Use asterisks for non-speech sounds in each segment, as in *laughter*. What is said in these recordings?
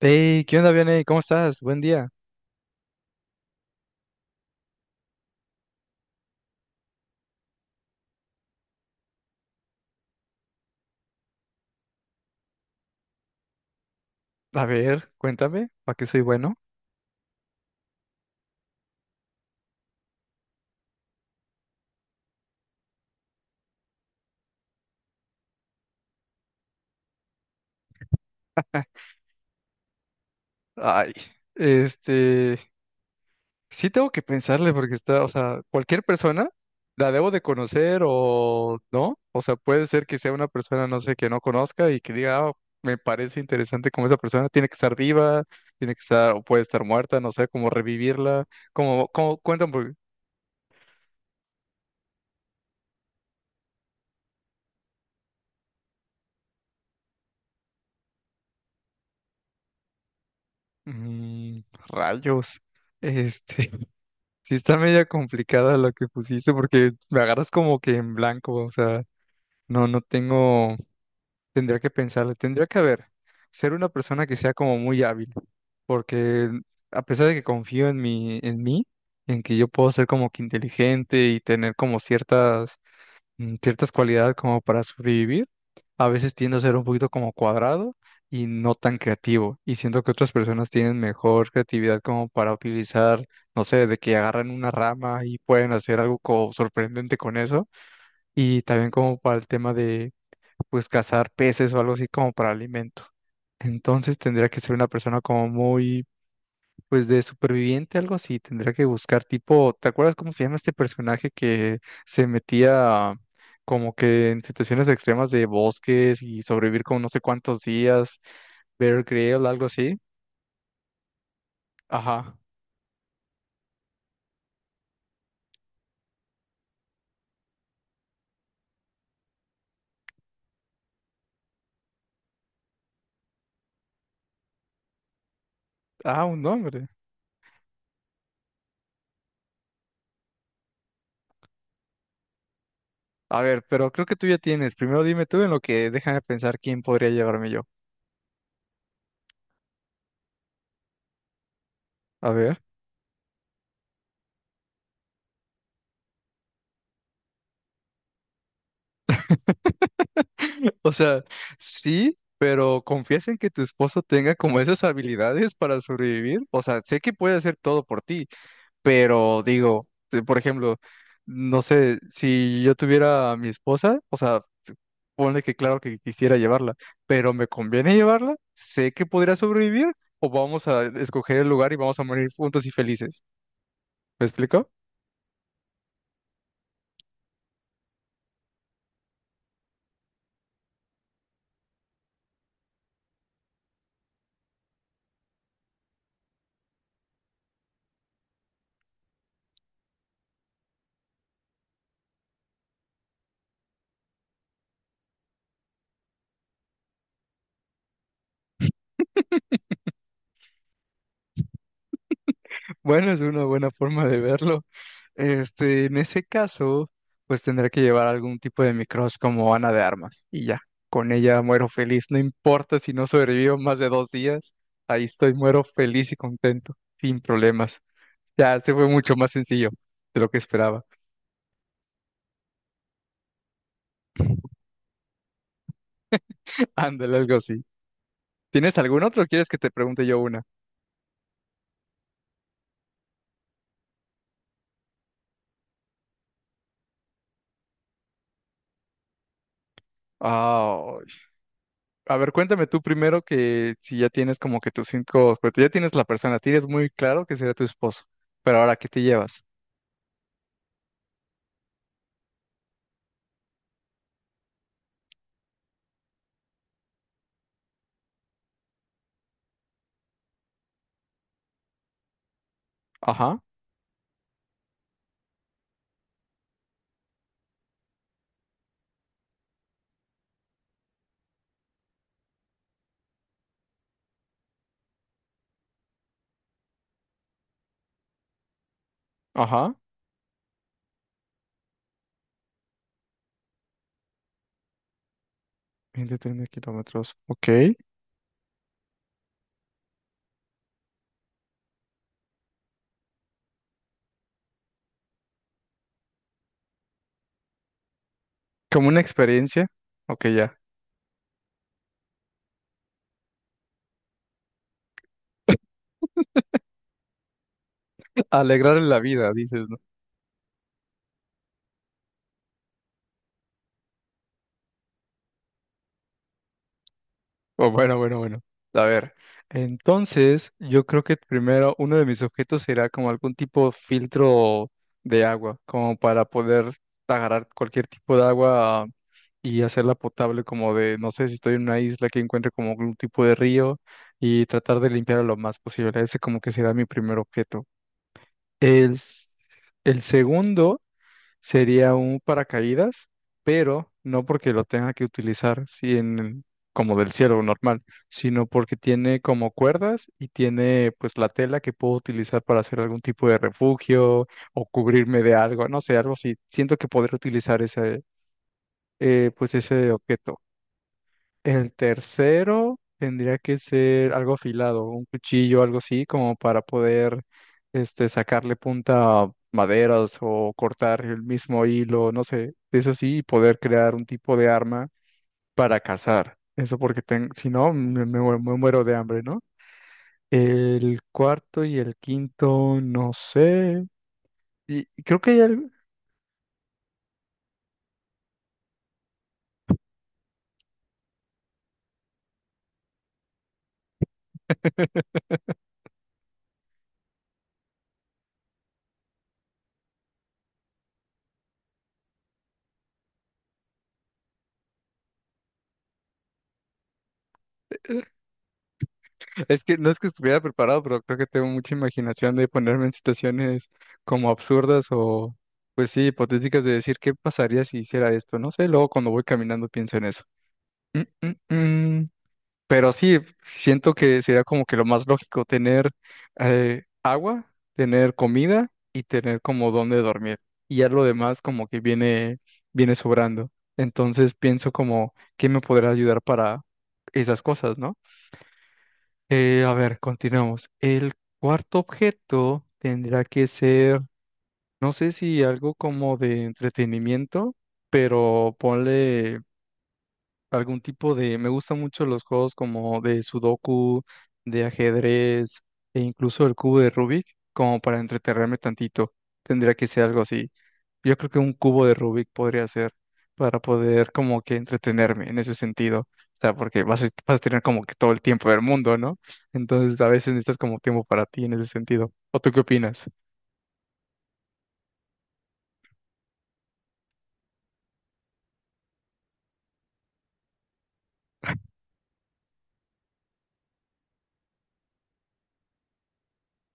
Hey, ¿qué onda, Vianey? ¿Cómo estás? Buen día. A ver, cuéntame, ¿para qué soy bueno? Ah, ay, este, sí tengo que pensarle porque está, o sea, cualquier persona la debo de conocer o no, o sea, puede ser que sea una persona, no sé, que no conozca y que diga, "Ah, me parece interesante como esa persona, tiene que estar viva, tiene que estar, o puede estar muerta, no sé, cómo revivirla, como, cuéntame. mm, Rayos. este. Sí está media complicada lo que pusiste porque me agarras como que en blanco, o sea, no, no tengo, tendría que pensarle, tendría que haber, ser una persona que sea como muy hábil, porque a pesar de que confío en mi, en mí, en que yo puedo ser como que inteligente y tener como ciertas cualidades como para sobrevivir, a veces tiendo a ser un poquito como cuadrado y no tan creativo. Y siento que otras personas tienen mejor creatividad como para utilizar, no sé, de que agarran una rama y pueden hacer algo sorprendente con eso. Y también como para el tema de, pues, cazar peces o algo así como para alimento. Entonces tendría que ser una persona como muy pues de superviviente, algo así, tendría que buscar tipo, ¿te acuerdas cómo se llama este personaje que se metía como que en situaciones extremas de bosques y sobrevivir con no sé cuántos días? Bear Grylls, algo así. Ajá. Ah, un nombre. A ver, pero creo que tú ya tienes. Primero dime tú en lo que déjame pensar quién podría llevarme yo. A ver. *laughs* O sea, sí, pero ¿confías en que tu esposo tenga como esas habilidades para sobrevivir? O sea, sé que puede hacer todo por ti, pero digo, por ejemplo, no sé, si yo tuviera a mi esposa, o sea, ponle que claro que quisiera llevarla, pero ¿me conviene llevarla? ¿Sé que podría sobrevivir? ¿O vamos a escoger el lugar y vamos a morir juntos y felices? ¿Me explico? *laughs* Bueno, es una buena forma de verlo. En ese caso, pues tendré que llevar algún tipo de micros como Ana de Armas y ya, con ella muero feliz, no importa si no sobrevivo más de 2 días, ahí estoy, muero feliz y contento, sin problemas. Ya, se fue mucho más sencillo de lo que esperaba. *laughs* Ándale, algo así. ¿Tienes algún otro? ¿O quieres que te pregunte yo una? Ah, a ver, cuéntame tú primero que si ya tienes como que tus cinco, pues ya tienes la persona, tienes muy claro que será tu esposo, pero ahora, ¿qué te llevas? Ajá, ajá. 130 kilómetros. Ok. Como una experiencia. Ok, ya. *laughs* Alegrar la vida, dices, ¿no? Oh, bueno, bueno, bueno. A ver. Entonces, yo creo que primero uno de mis objetos será como algún tipo de filtro de agua, como para poder agarrar cualquier tipo de agua y hacerla potable, como de, no sé, si estoy en una isla que encuentre como algún tipo de río y tratar de limpiarlo lo más posible. Ese como que será mi primer objeto. El, s- el segundo sería un paracaídas, pero no porque lo tenga que utilizar si en- como del cielo normal, sino porque tiene como cuerdas y tiene pues la tela que puedo utilizar para hacer algún tipo de refugio o cubrirme de algo, no sé, algo así. Siento que podré utilizar ese pues ese objeto. El tercero tendría que ser algo afilado, un cuchillo, algo así, como para poder sacarle punta a maderas o cortar el mismo hilo, no sé, eso sí, y poder crear un tipo de arma para cazar. Eso porque si no, me muero de hambre, ¿no? El cuarto y el quinto, no sé. Y creo que hay algo. *laughs* Es que no es que estuviera preparado, pero creo que tengo mucha imaginación de ponerme en situaciones como absurdas o, pues sí, hipotéticas de decir qué pasaría si hiciera esto. No sé, luego cuando voy caminando pienso en eso. Mm, mm, mm. Pero sí, siento que sería como que lo más lógico tener agua, tener comida y tener como dónde dormir. Y ya lo demás como que viene, viene sobrando. Entonces pienso como, ¿qué me podrá ayudar para esas cosas?, ¿no? A ver, continuamos. El cuarto objeto tendrá que ser, no sé si algo como de entretenimiento, pero ponle algún tipo de. Me gustan mucho los juegos como de Sudoku, de ajedrez e incluso el cubo de Rubik, como para entretenerme tantito. Tendría que ser algo así. Yo creo que un cubo de Rubik podría ser para poder como que entretenerme en ese sentido. O sea, porque vas a tener como que todo el tiempo del mundo, ¿no? Entonces a veces necesitas como tiempo para ti en ese sentido. ¿O tú qué opinas?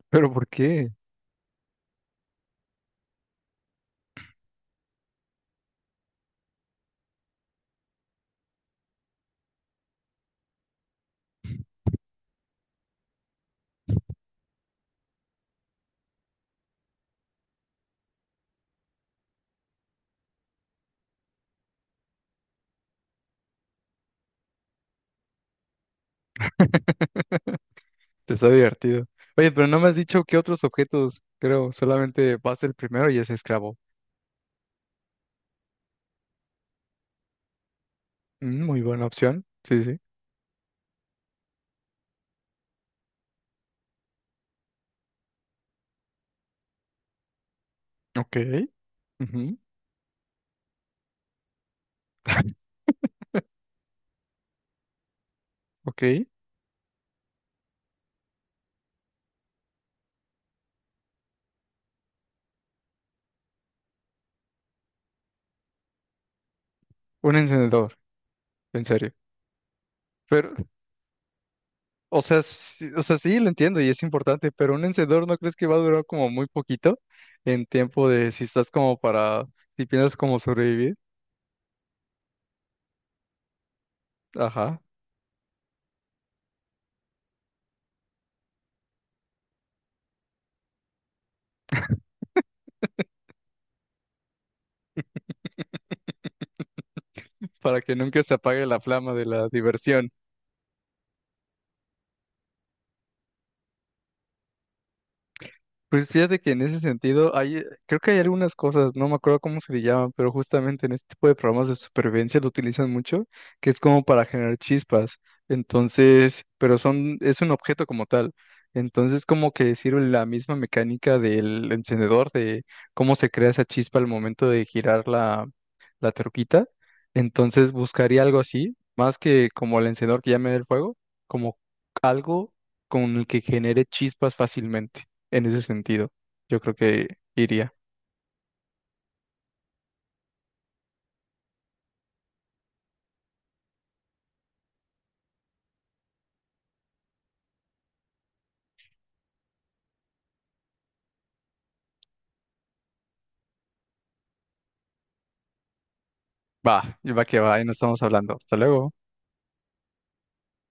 ¿Pero por qué? *laughs* Está divertido. Oye, pero no me has dicho qué otros objetos, creo, solamente vas el primero y es esclavo. Mm, muy buena opción. Sí, sí. Ok. Ujú. *laughs* Ok. Un encendedor, en serio. Pero, o sea, sí, lo entiendo y es importante, pero un encendedor ¿no crees que va a durar como muy poquito en tiempo de si estás como para, si piensas como sobrevivir? Ajá. Para que nunca se apague la flama de la diversión. Pues fíjate que en ese sentido hay, creo que hay algunas cosas, no me acuerdo cómo se le llaman, pero justamente en este tipo de programas de supervivencia lo utilizan mucho, que es como para generar chispas. Entonces, pero son, es un objeto como tal. Entonces, como que sirve la misma mecánica del encendedor, de cómo se crea esa chispa al momento de girar la troquita. Entonces, buscaría algo así, más que como el encendedor que llame el fuego, como algo con el que genere chispas fácilmente en ese sentido. Yo creo que iría. Va, va que va, y no estamos hablando. Hasta luego.